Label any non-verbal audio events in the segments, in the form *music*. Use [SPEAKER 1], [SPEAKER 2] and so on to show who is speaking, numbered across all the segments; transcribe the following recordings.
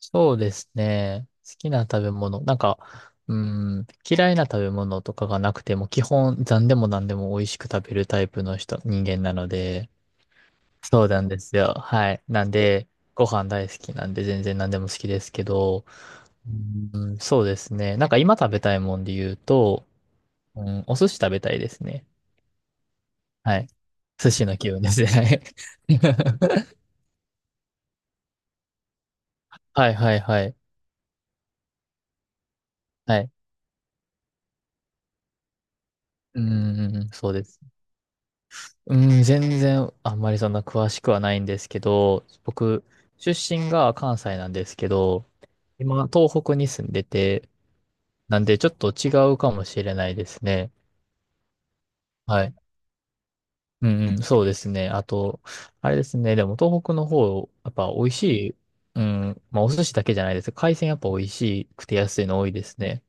[SPEAKER 1] そうですね。好きな食べ物。嫌いな食べ物とかがなくても、基本、残でも何でも美味しく食べるタイプの人間なので、そうなんですよ。はい。なんで、ご飯大好きなんで、全然何でも好きですけど、うん、そうですね。なんか今食べたいもんで言うと、うん、お寿司食べたいですね。はい。寿司の気分ですね。はい *laughs* はいはいはい。はい。うん、うんうんそうです。うん、全然あんまりそんな詳しくはないんですけど、僕、出身が関西なんですけど、今、東北に住んでて、なんでちょっと違うかもしれないですね。はい。うんうん、そうですね。あと、あれですね、でも東北の方、やっぱ美味しい、うん、まあお寿司だけじゃないです。海鮮やっぱ美味しくて安いの多いですね。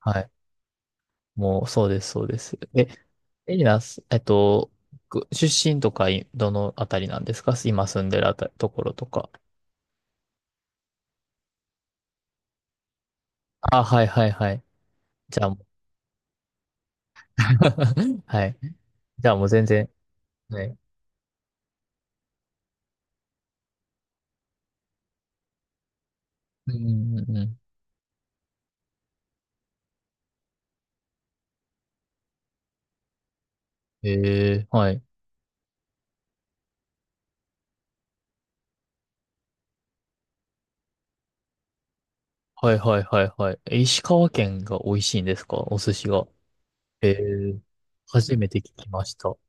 [SPEAKER 1] はい。もう、そうです、そうです。エリナス、えっと、く出身とかい、どのあたりなんですか、今住んでるあたり、ところとか。あ、はいはいはい。じゃあもう *laughs* はい。じゃあもう全然。はい。うんうんうん。ええはい。はいはいはいはい。え、石川県が美味しいんですか、お寿司が。ええ、初めて聞きました。う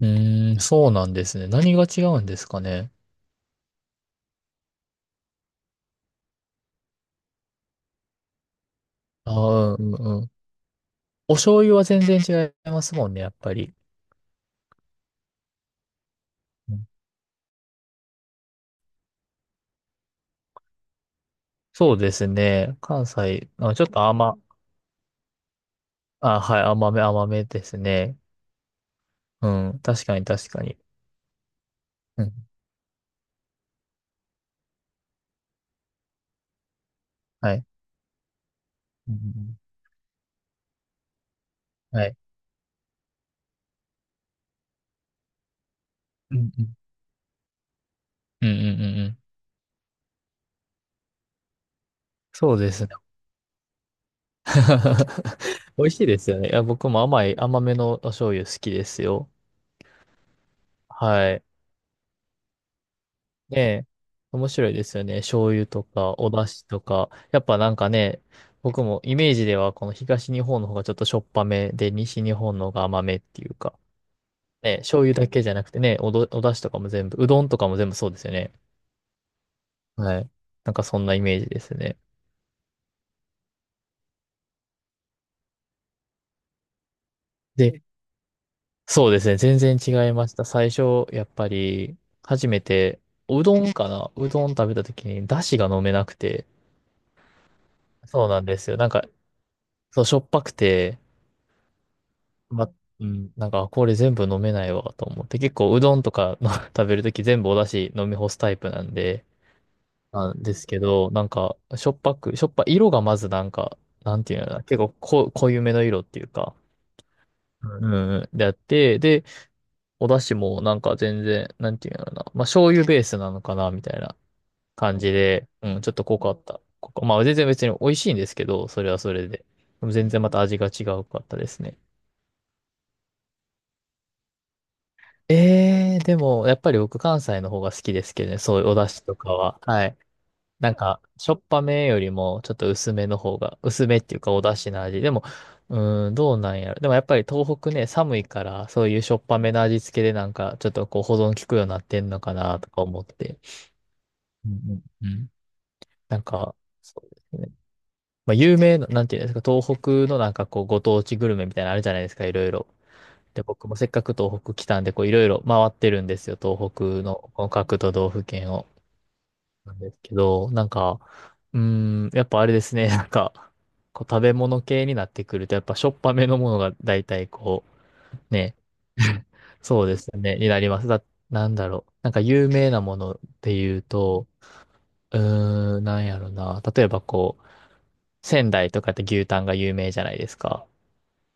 [SPEAKER 1] ーん、そうなんですね。何が違うんですかね。ああ、うんうん。お醤油は全然違いますもんね、やっぱり。うんそうですね。関西、あ、ちょっと甘、あ、はい、甘めですね。うん、確かに確かに。うん、はい。うんうんうんはい。うんうん。うんうんうんうん。そうですね。*laughs* 美味しいですよね。いや、僕も甘めのお醤油好きですよ。はい。ねえ、面白いですよね。醤油とか、お出汁とか。やっぱなんかね、僕もイメージではこの東日本の方がちょっとしょっぱめで、西日本の方が甘めっていうか。ね、醤油だけじゃなくてね、お出汁とかも全部、うどんとかも全部そうですよね。はい。なんかそんなイメージですね。で、そうですね。全然違いました。最初、やっぱり、初めて、うどん食べた時に、だしが飲めなくて。そうなんですよ。そう、しょっぱくて、ま、これ全部飲めないわ、と思って。結構、うどんとかの *laughs* 食べる時全部おだし飲み干すタイプなんで、なんですけど、なんか、しょっぱく、しょっぱ、色がまずなんか、なんていうのかな、結構こ、濃いめの色っていうか、うん、うんうんであって、で、お出汁もなんか全然、なんていうんだろうな。まあ、醤油ベースなのかな、みたいな感じで、うん、ちょっと濃かった。まあ、全然別に美味しいんですけど、それはそれで。でも全然また味が違うかったですね。えー、でも、やっぱり僕関西の方が好きですけどね、そういうお出汁とかは。はい。なんか、しょっぱめよりも、ちょっと薄めの方が、薄めっていうかお出汁の味。でも、うーん、どうなんやろ。でもやっぱり東北ね、寒いから、そういうしょっぱめの味付けでなんか、ちょっとこう保存効くようになってんのかなとか思って。うんうんうんなんか、そうですね。まあ、有名な、なんていうんですか、東北のなんかこう、ご当地グルメみたいなのあるじゃないですか、いろいろ。で、僕もせっかく東北来たんで、こう、いろいろ回ってるんですよ、東北の、この各都道府県を。なんですけど、なんか、うーん、やっぱあれですね、*laughs* なんか、こう、食べ物系になってくると、やっぱしょっぱめのものが大体こう、ね、そうですね、になります。なんだろう。なんか有名なもので言うと、うーん、なんやろな。例えばこう、仙台とかって牛タンが有名じゃないですか。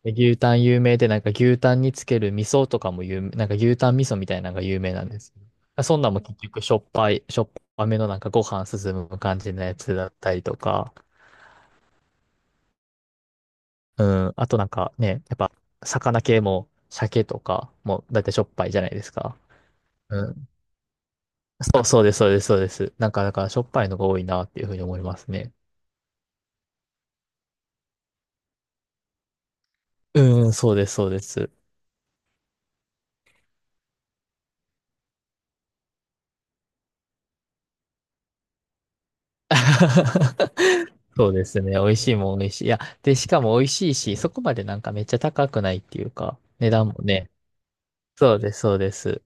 [SPEAKER 1] で牛タン有名で、なんか牛タンにつける味噌とかも有名、なんか牛タン味噌みたいなのが有名なんですけど。そんなんも結局しょっぱめのなんかご飯進む感じのやつだったりとか、うん、あとなんかね、やっぱ魚系も鮭とかもだってしょっぱいじゃないですか。うん。そう、そうです、そうです、そうです。なんかだからしょっぱいのが多いなっていうふうに思いますね。うん、そうです、そうです。*laughs* そうですね。美味しいもん美味しい。いや、で、しかも美味しいし、そこまでなんかめっちゃ高くないっていうか、値段もね。そうです、そうです。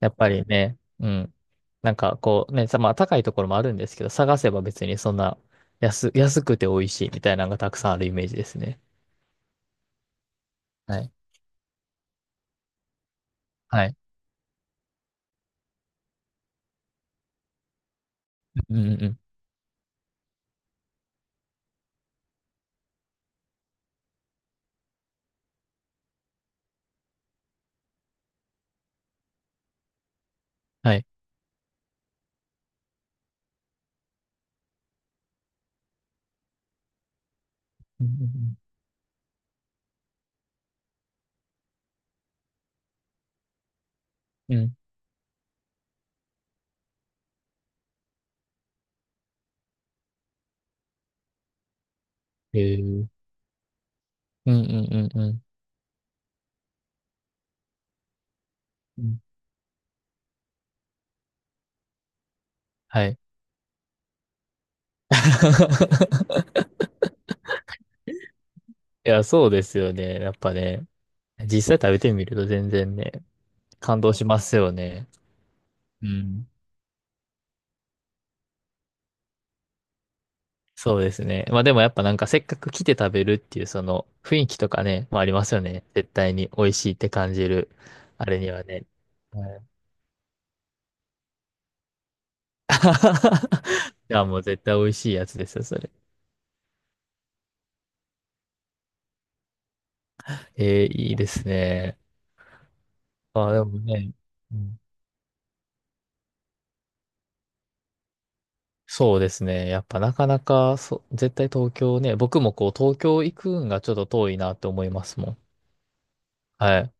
[SPEAKER 1] やっぱりね、うん。まあ高いところもあるんですけど、探せば別にそんな安くて美味しいみたいなのがたくさんあるイメージですね。はい。はい。うんうんうん。はい。うんうんうん。うんへーうんうんうんうん。うんはい。*laughs* いや、そうですよね。やっぱね。実際食べてみると全然ね、感動しますよね。うん。そうですね。まあでもやっぱなんかせっかく来て食べるっていうその雰囲気とかね、まあありますよね。絶対に美味しいって感じる。あれにはね。はい *laughs* いや、もう絶対美味しいやつですよ、それ。えー、いいですね。あ、でもね、うんそうですね。やっぱなかなか、そう、絶対東京ね、僕もこう東京行くんがちょっと遠いなって思いますもん。はい。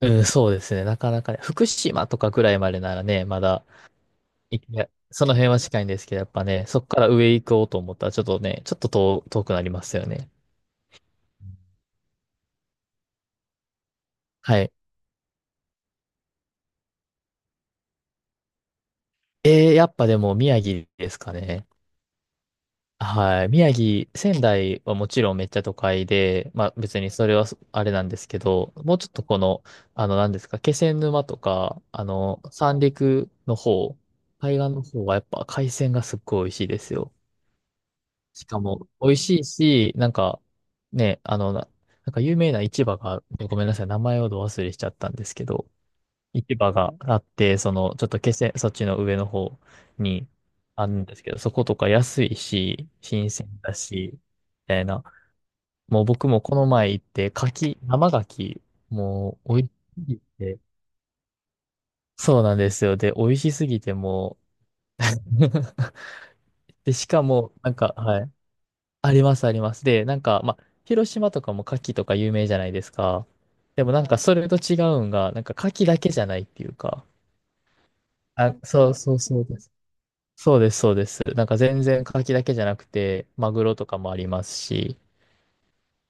[SPEAKER 1] うん、そうですね。なかなかね、福島とかぐらいまでならね、まだ行け、いやその辺は近いんですけど、やっぱね、そこから上行こうと思ったら、ちょっとね、ちょっと遠、遠くなりますよね。はい。えー、やっぱでも宮城ですかね。はい。宮城、仙台はもちろんめっちゃ都会で、まあ別にそれはあれなんですけど、もうちょっとこの、あの何ですか、気仙沼とか、あの、三陸の方、海岸の方はやっぱ海鮮がすっごい美味しいですよ。しかも、美味しいし、なんか、ね、あの、な、なんか有名な市場がある、ごめんなさい、名前をど忘れしちゃったんですけど、市場があって、その、ちょっと気仙、そっちの上の方にあるんですけど、そことか安いし、新鮮だし、みたいな。もう僕もこの前行って、生柿、もう、美味しすぎて、そうなんですよ。で、美味しすぎて、もう *laughs* で、しかも、なんか、はい。あります、あります。で、なんか、まあ、広島とかも牡蠣とか有名じゃないですか。でもなんか、それと違うんが、なんか牡蠣だけじゃないっていうか。あ、そうそうそうです。そうです、そうです。なんか全然牡蠣だけじゃなくて、マグロとかもありますし、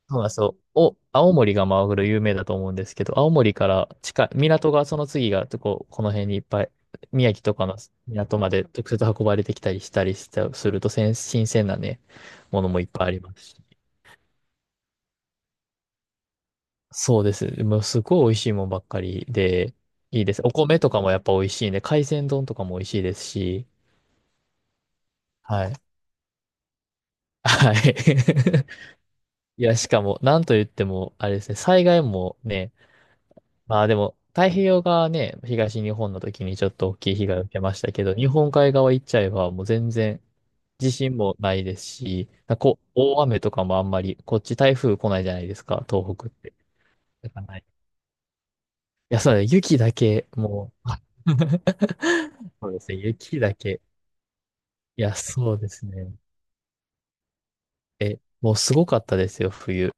[SPEAKER 1] そうなんですよ。お、青森がマグロ有名だと思うんですけど、青森から近い、港がその次が、こう、この辺にいっぱい、宮城とかの港まで直接運ばれてきたりしたりした、すると、新鮮なね、ものもいっぱいありますし。そうです。もうすごい美味しいもんばっかりで、いいです。お米とかもやっぱ美味しいんで、海鮮丼とかも美味しいですし、はい。はい。*laughs* いや、しかも、なんと言っても、あれですね、災害もね、まあでも、太平洋側ね、東日本の時にちょっと大きい被害を受けましたけど、日本海側行っちゃえばもう全然地震もないですし、こう、大雨とかもあんまり、こっち台風来ないじゃないですか、東北って。だからないいや、そうだね。雪だけ、もう。*laughs* そうですね。雪だけ。いや、そうですね。え、もうすごかったですよ、冬。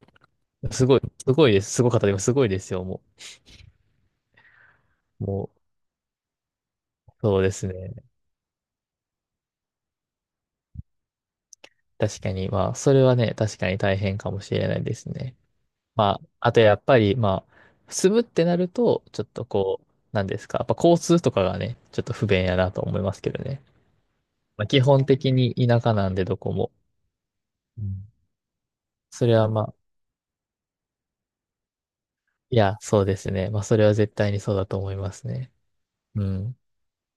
[SPEAKER 1] すごい、すごいです。すごかった。でもすごいですよ、もう。もう、そうですね。確かに、まあ、それはね、確かに大変かもしれないですね。まあ、あとやっぱり、まあ、住むってなると、ちょっとこう、なんですか。やっぱ交通とかがね、ちょっと不便やなと思いますけどね。まあ、基本的に田舎なんで、どこも。うんそれはまあ、いや、そうですね。まあ、それは絶対にそうだと思いますね。うん。